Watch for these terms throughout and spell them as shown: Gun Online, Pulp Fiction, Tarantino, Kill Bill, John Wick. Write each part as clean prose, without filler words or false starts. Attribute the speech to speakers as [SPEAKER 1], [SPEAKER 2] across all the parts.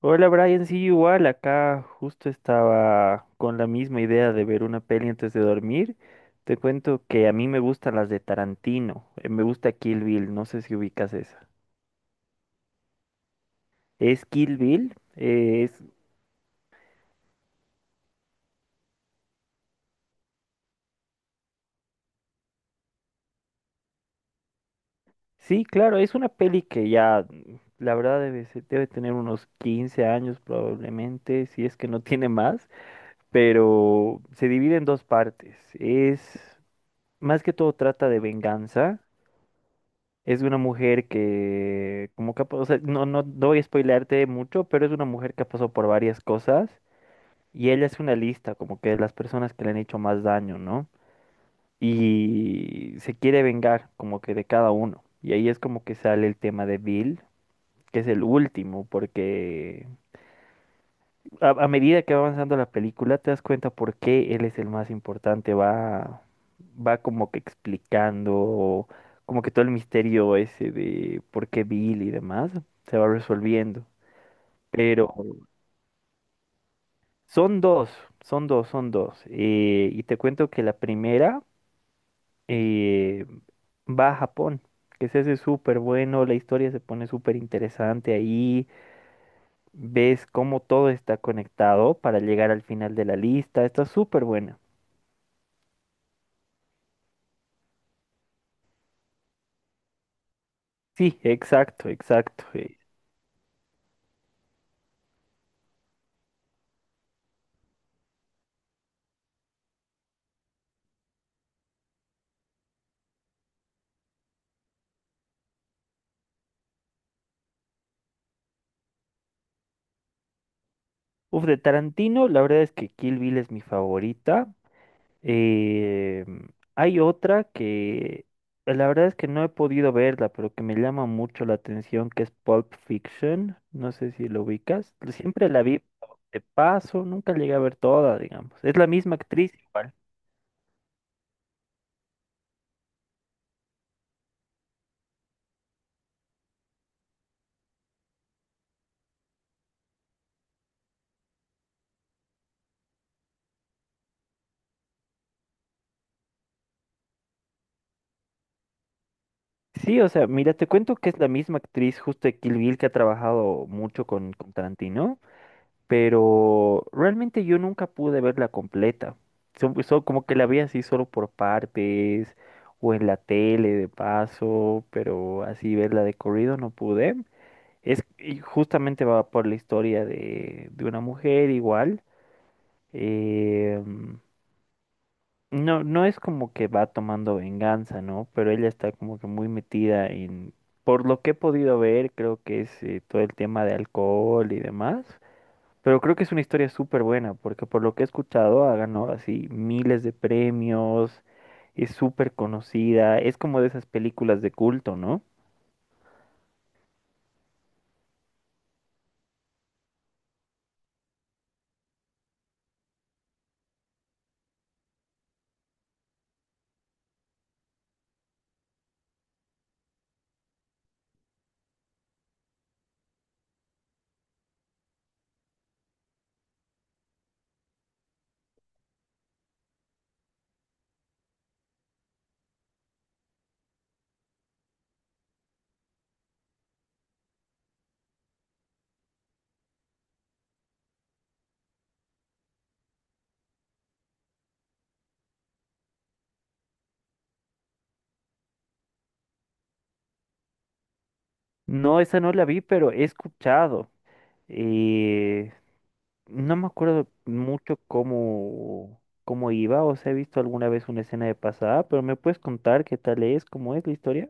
[SPEAKER 1] Hola Brian, sí, igual, acá justo estaba con la misma idea de ver una peli antes de dormir. Te cuento que a mí me gustan las de Tarantino, me gusta Kill Bill, no sé si ubicas esa. ¿Es Kill Bill? Sí, claro, es una peli que ya, la verdad, debe tener unos 15 años probablemente, si es que no tiene más, pero se divide en dos partes. Más que todo trata de venganza. Es una mujer que, como que, o sea, no, no no voy a spoilearte mucho, pero es una mujer que ha pasado por varias cosas y ella hace una lista, como que de las personas que le han hecho más daño, ¿no? Y se quiere vengar, como que de cada uno. Y ahí es como que sale el tema de Bill, que es el último, porque a medida que va avanzando la película, te das cuenta por qué él es el más importante. Va como que explicando, como que todo el misterio ese de por qué Bill y demás se va resolviendo. Pero son dos, son dos, son dos. Y te cuento que la primera eh, va a Japón, que se hace súper bueno, la historia se pone súper interesante ahí. Ves cómo todo está conectado para llegar al final de la lista. Está súper buena. Sí, exacto, exacto. Uf, de Tarantino, la verdad es que Kill Bill es mi favorita. Eh, hay otra que la verdad es que no he podido verla, pero que me llama mucho la atención, que es Pulp Fiction. No sé si lo ubicas. Siempre la vi de paso, nunca llegué a ver toda, digamos. Es la misma actriz igual. Sí, o sea, mira, te cuento que es la misma actriz justo de Kill Bill que ha trabajado mucho con, Tarantino. Pero realmente yo nunca pude verla completa. Son como que la vi así solo por partes o en la tele de paso, pero así verla de corrido no pude. Es y justamente va por la historia de una mujer igual. eh, no, no es como que va tomando venganza, ¿no? Pero ella está como que muy metida en, por lo que he podido ver, creo que es todo el tema de alcohol y demás. Pero creo que es una historia súper buena, porque por lo que he escuchado ha ganado así miles de premios, es súper conocida, es como de esas películas de culto, ¿no? No, esa no la vi, pero he escuchado. eh, no me acuerdo mucho cómo iba, o sea, he visto alguna vez una escena de pasada, pero ¿me puedes contar qué tal es, cómo es la historia?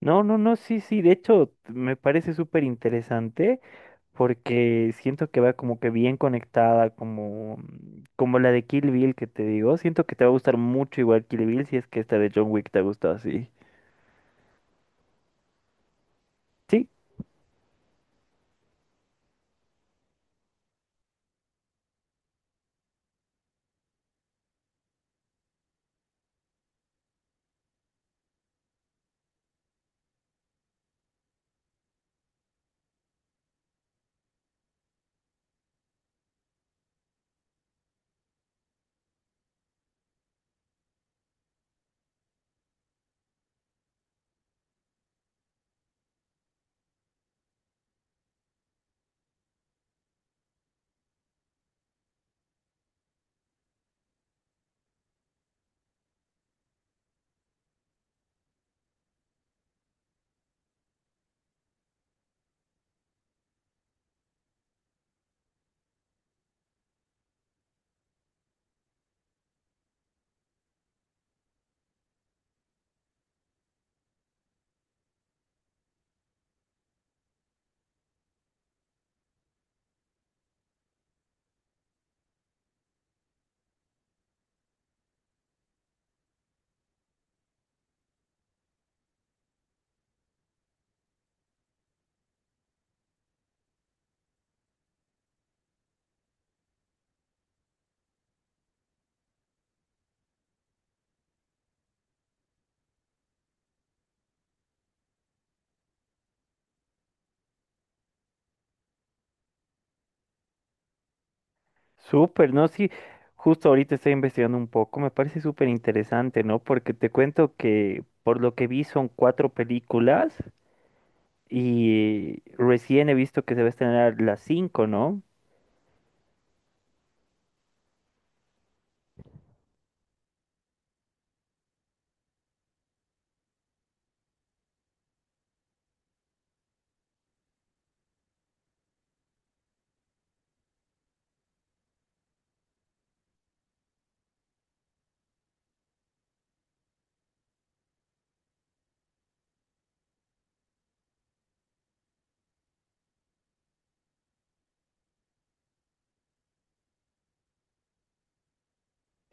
[SPEAKER 1] No, no, no, sí, sí, de hecho me parece súper interesante. Porque siento que va como que bien conectada, como la de Kill Bill que te digo. Siento que te va a gustar mucho igual Kill Bill si es que esta de John Wick te gustó así. Sí, súper, ¿no? Sí, justo ahorita estoy investigando un poco, me parece súper interesante, ¿no? Porque te cuento que por lo que vi son cuatro películas y recién he visto que se va a estrenar las cinco, ¿no?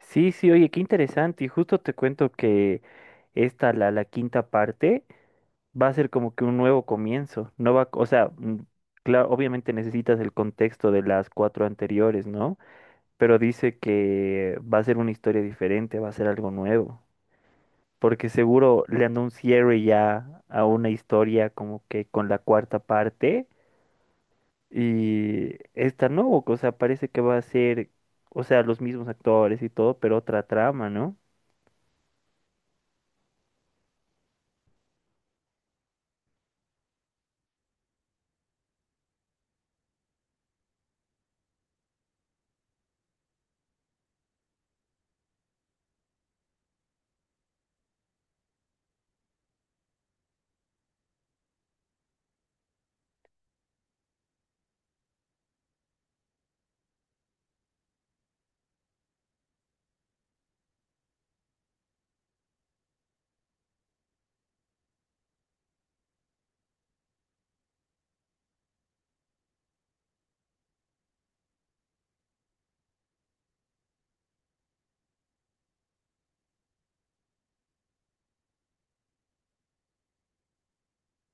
[SPEAKER 1] Sí, sí, oye, qué interesante. Y justo te cuento que la quinta parte. Va a ser como que un nuevo comienzo. No va, o sea, claro, obviamente necesitas el contexto de las cuatro anteriores, ¿no? Pero dice que va a ser una historia diferente, va a ser algo nuevo. Porque seguro le andó un cierre ya a una historia como que con la cuarta parte. Y esta no, o sea, parece que va a ser, o sea, los mismos actores y todo, pero otra trama, ¿no?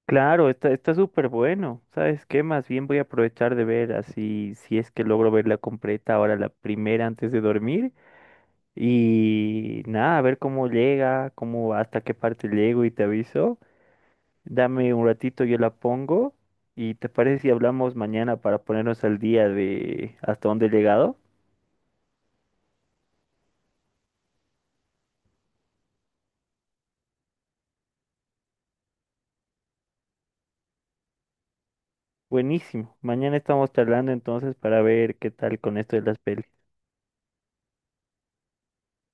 [SPEAKER 1] Claro, está súper bueno. ¿Sabes qué? Más bien voy a aprovechar de ver así si es que logro verla completa ahora la primera antes de dormir. Y nada, a ver cómo llega, cómo hasta qué parte llego y te aviso. Dame un ratito, yo la pongo. ¿Y te parece si hablamos mañana para ponernos al día de hasta dónde he llegado? Buenísimo. Mañana estamos charlando entonces para ver qué tal con esto de las pelis.